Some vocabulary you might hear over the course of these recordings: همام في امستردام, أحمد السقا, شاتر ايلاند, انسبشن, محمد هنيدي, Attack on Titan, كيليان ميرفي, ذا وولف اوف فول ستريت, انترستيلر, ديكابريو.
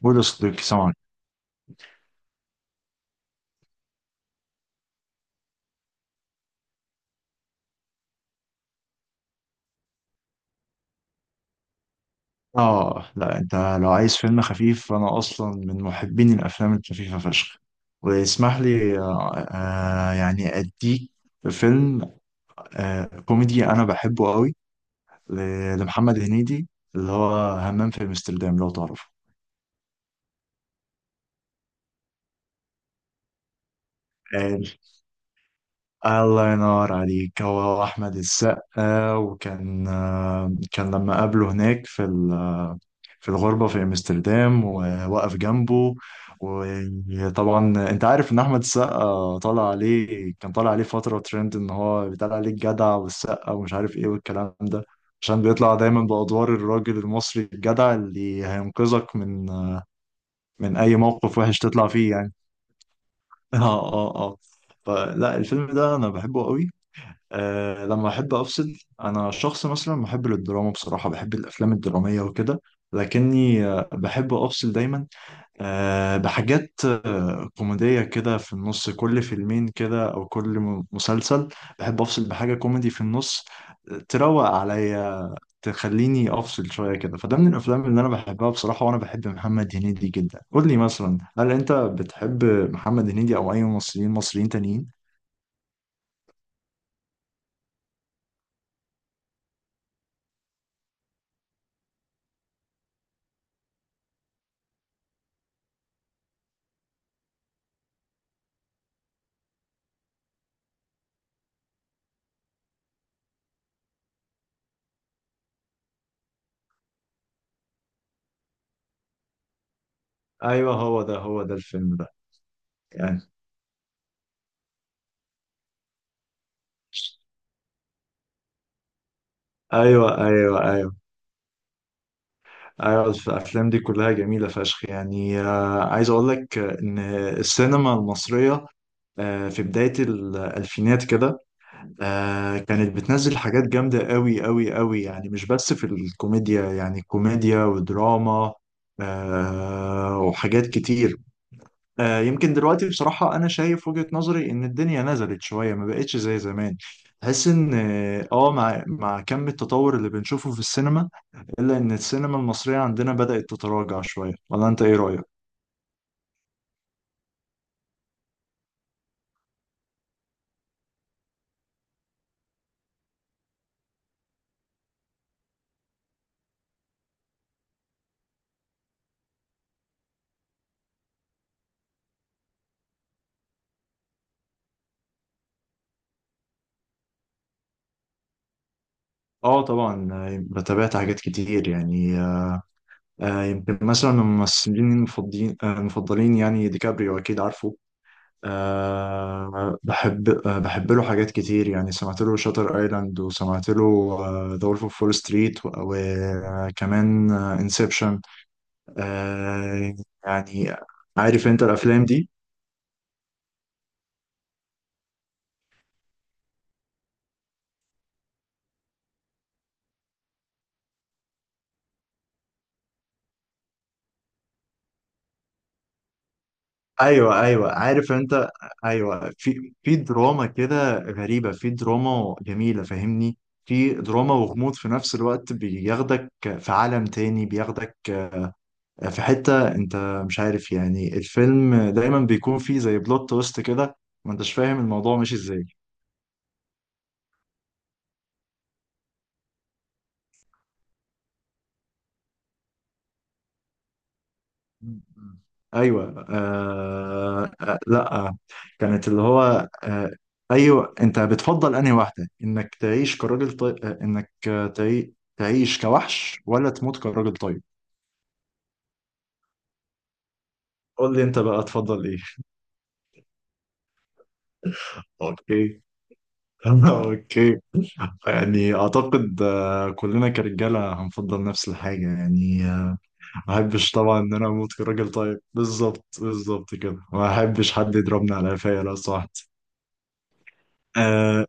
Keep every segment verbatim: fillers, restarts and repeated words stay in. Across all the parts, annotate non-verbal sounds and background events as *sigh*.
بولو صديقي سامعك. اه لا، انت لو عايز فيلم خفيف فانا اصلا من محبين الافلام الخفيفه فشخ. واسمح لي، آه آه، يعني اديك فيلم آه كوميدي انا بحبه قوي ل- لمحمد هنيدي، اللي هو همام في امستردام لو تعرفه. قال الله ينور عليك، هو احمد السقا، وكان آه، كان لما قابله هناك في في الغربة في أمستردام وواقف جنبه. وطبعا أنت عارف إن أحمد السقا طالع عليه، كان طالع عليه فترة ترند إن هو بيطلع عليه الجدع والسقا ومش عارف إيه والكلام ده، عشان بيطلع دايما بأدوار الراجل المصري الجدع اللي هينقذك من من أي موقف وحش تطلع فيه يعني. *laughs* آه آه آه فلا الفيلم ده أنا بحبه قوي. أه لما أحب أفصل، أنا شخص مثلا محب للدراما بصراحة، بحب الأفلام الدرامية وكده، لكني آه، بحب افصل دايما آه، بحاجات آه، كوميدية كده في النص، كل فيلمين كده أو كل م- مسلسل بحب أفصل بحاجة كوميدي في النص آه، تروق عليا، تخليني أفصل شوية كده. فده من الأفلام اللي أنا بحبها بصراحة، وأنا بحب محمد هنيدي جدا. قول لي مثلا، هل أنت بتحب محمد هنيدي أو أي ممثلين مصريين تانيين؟ أيوه، هو ده هو ده الفيلم ده يعني. ايوه، ايوه، ايوه. ايوه الافلام دي كلها جميله فشخ يعني. آه، عايز اقول لك ان السينما المصريه آه، في بداية الألفينات كده آه، كانت بتنزل حاجات جامدة قوي قوي قوي، يعني مش بس في الكوميديا، يعني كوميديا ودراما آه، وحاجات كتير. آه، يمكن دلوقتي بصراحة أنا شايف وجهة نظري إن الدنيا نزلت شوية، ما بقتش زي زمان. تحس إن آه مع مع كم التطور اللي بنشوفه في السينما، إلا إن السينما المصرية عندنا بدأت تتراجع شوية. ولا أنت إيه رأيك؟ آه طبعا، آه، بتابعت حاجات كتير يعني. آه، يمكن مثلا من الممثلين المفضلين آه، المفضلين يعني ديكابريو أكيد عارفه. آه، بحب، آه، بحب له حاجات كتير يعني. سمعت له شاتر ايلاند، وسمعت له ذا وولف اوف فول ستريت، وكمان انسبشن. أه. يعني عارف انت الافلام دي. ايوه، ايوه، عارف انت. ايوه، في في دراما كده غريبه، في دراما جميله فاهمني، في دراما وغموض في نفس الوقت، بياخدك في عالم تاني، بياخدك في حتة انت مش عارف يعني، الفيلم دايما بيكون فيه زي بلوت تويست كده، ما انتش فاهم الموضوع ماشي ازاي. مم. ايوه آه آه لا، كانت اللي هو آه ايوه، انت بتفضل انهي واحدة، انك تعيش كراجل طيب آه، انك تعي... تعيش كوحش ولا تموت كراجل طيب. قول لي انت بقى تفضل ايه. اوكي. *laughs* اوكي. يعني اعتقد آه، كلنا كرجالة هنفضل نفس الحاجة يعني. ما احبش طبعا ان انا اموت كراجل طيب، بالظبط، بالظبط كده، ما احبش حد يضربني على قفايا لو سمحت. آه.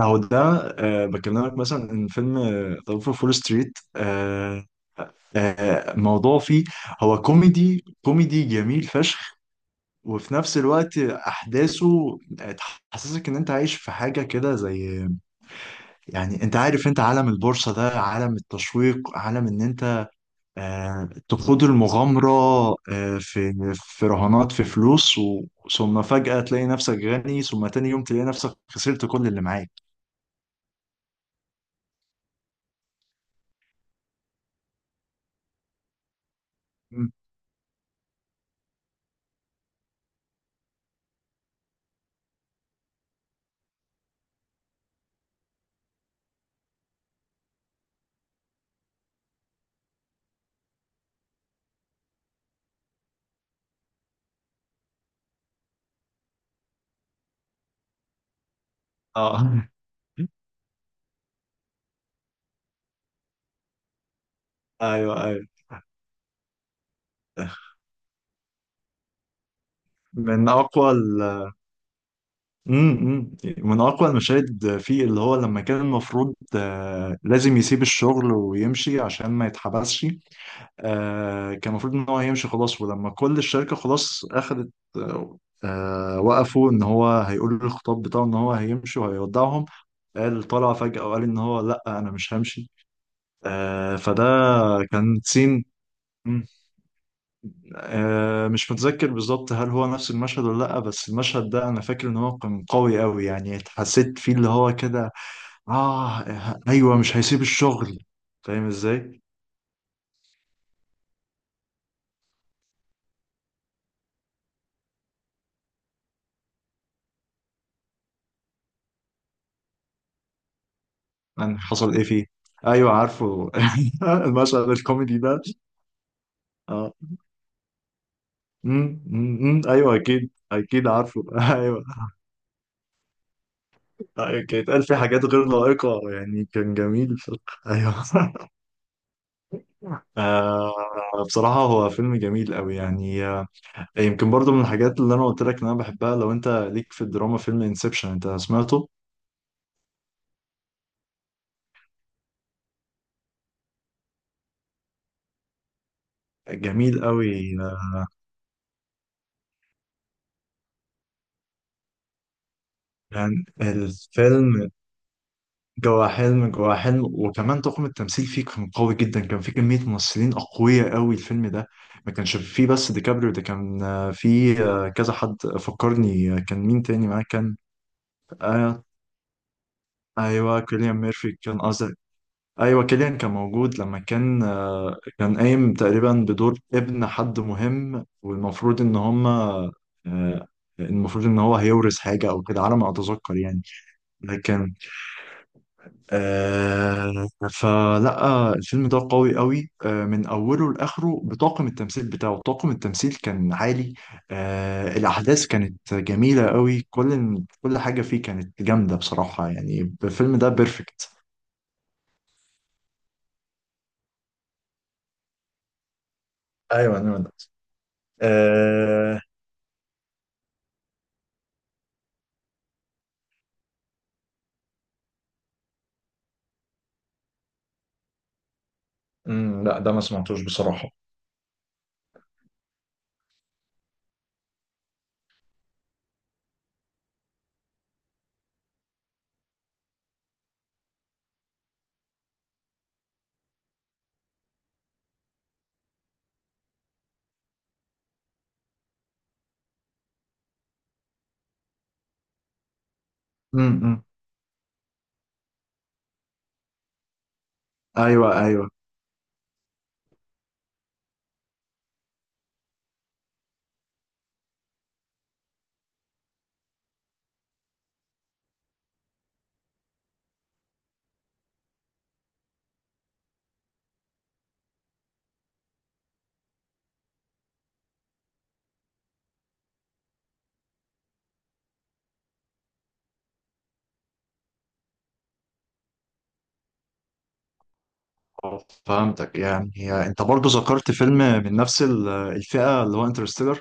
اهو ده. آه بكلمك مثلا ان فيلم ظرف فول ستريت، آه آه موضوع فيه، هو كوميدي كوميدي جميل فشخ، وفي نفس الوقت احداثه تحسسك ان انت عايش في حاجه كده، زي يعني، انت عارف، انت عالم البورصه ده عالم التشويق، عالم ان انت آه، تخوض المغامرة آه، في في رهانات، في فلوس، و... ثم فجأة تلاقي نفسك غني، ثم تاني يوم تلاقي نفسك خسرت كل اللي معاك. مم. اه. *laughs* ايوه، ايوه، من اقوى ال... مم، مم. من اقوى المشاهد فيه، اللي هو لما كان المفروض آه، لازم يسيب الشغل ويمشي عشان ما يتحبسش. آه كان المفروض ان هو هيمشي خلاص، ولما كل الشركه خلاص اخذت آه آه، وقفوا ان هو هيقول الخطاب بتاعه ان هو هيمشي وهيودعهم. قال طلع فجاه وقال ان هو لا، انا مش همشي. آه فده كان سين. مم. آه مش متذكر بالظبط هل هو نفس المشهد ولا لا، بس المشهد ده انا فاكر ان هو كان قوي قوي يعني، حسيت فيه اللي هو كده. اه، ايوه، مش هيسيب الشغل، فاهم ازاي. يعني حصل ايه فيه؟ ايوه عارفه. *laughs* المشهد الكوميدي ده. اه. أمم، أمم، أمم، ايوه، اكيد اكيد عارفه. *laughs* ايوه. أيوة، كان يتقال فيه حاجات غير لائقه يعني، كان جميل ف... ايوه. *laughs* آه بصراحه هو فيلم جميل قوي يعني. آه يمكن برضو من الحاجات اللي انا قلت لك ان انا بحبها. لو انت ليك في الدراما، فيلم انسبشن انت سمعته؟ جميل قوي يعني الفيلم، جوا حلم جوا حلم. وكمان طاقم التمثيل فيه كان قوي جدا، كان فيه كمية ممثلين أقوياء قوي الفيلم ده، ما كانش فيه بس ديكابريو ده، كان آه، فيه آه، كذا حد. فكرني آه، كان مين تاني معاه، كان آه، أيوه كيليان ميرفي كان قصدي. أيوه كيليان كان موجود، لما كان آه، كان قايم تقريبا بدور ابن حد مهم، والمفروض إن هما آه، المفروض إن هو هيورث حاجة أو كده على ما أتذكر يعني. لكن آه فلا الفيلم ده قوي قوي آه من اوله لاخره بطاقم التمثيل بتاعه، طاقم التمثيل كان عالي. آه الاحداث كانت جميله قوي، كل كل حاجه فيه كانت جامده بصراحه يعني. الفيلم ده بيرفكت. ايوه، ايوه، ده آه أمم، لا، ده ما سمعتوش بصراحه. امم ايوه، ايوه، أه، فهمتك يعني. انت برضو ذكرت فيلم من نفس ال- الفئه، اللي هو انترستيلر.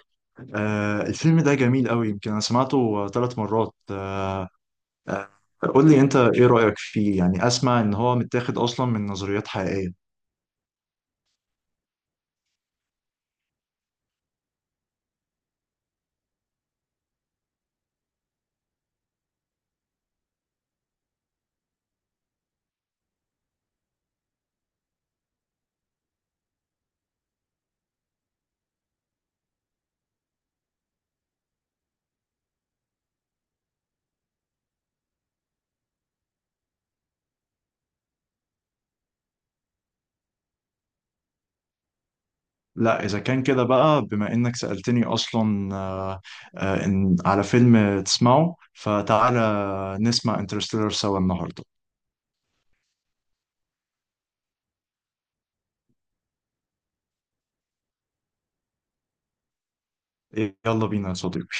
آه الفيلم ده جميل قوي، يمكن انا سمعته ثلاث مرات. آه قول لي انت ايه رأيك فيه يعني. اسمع ان هو متاخد اصلا من نظريات حقيقية. لا اذا كان كده بقى، بما انك سألتني اصلا، آه آه إن على فيلم تسمعه فتعالى نسمع انترستيلر سوا النهاردة. يلا بينا يا صديقي.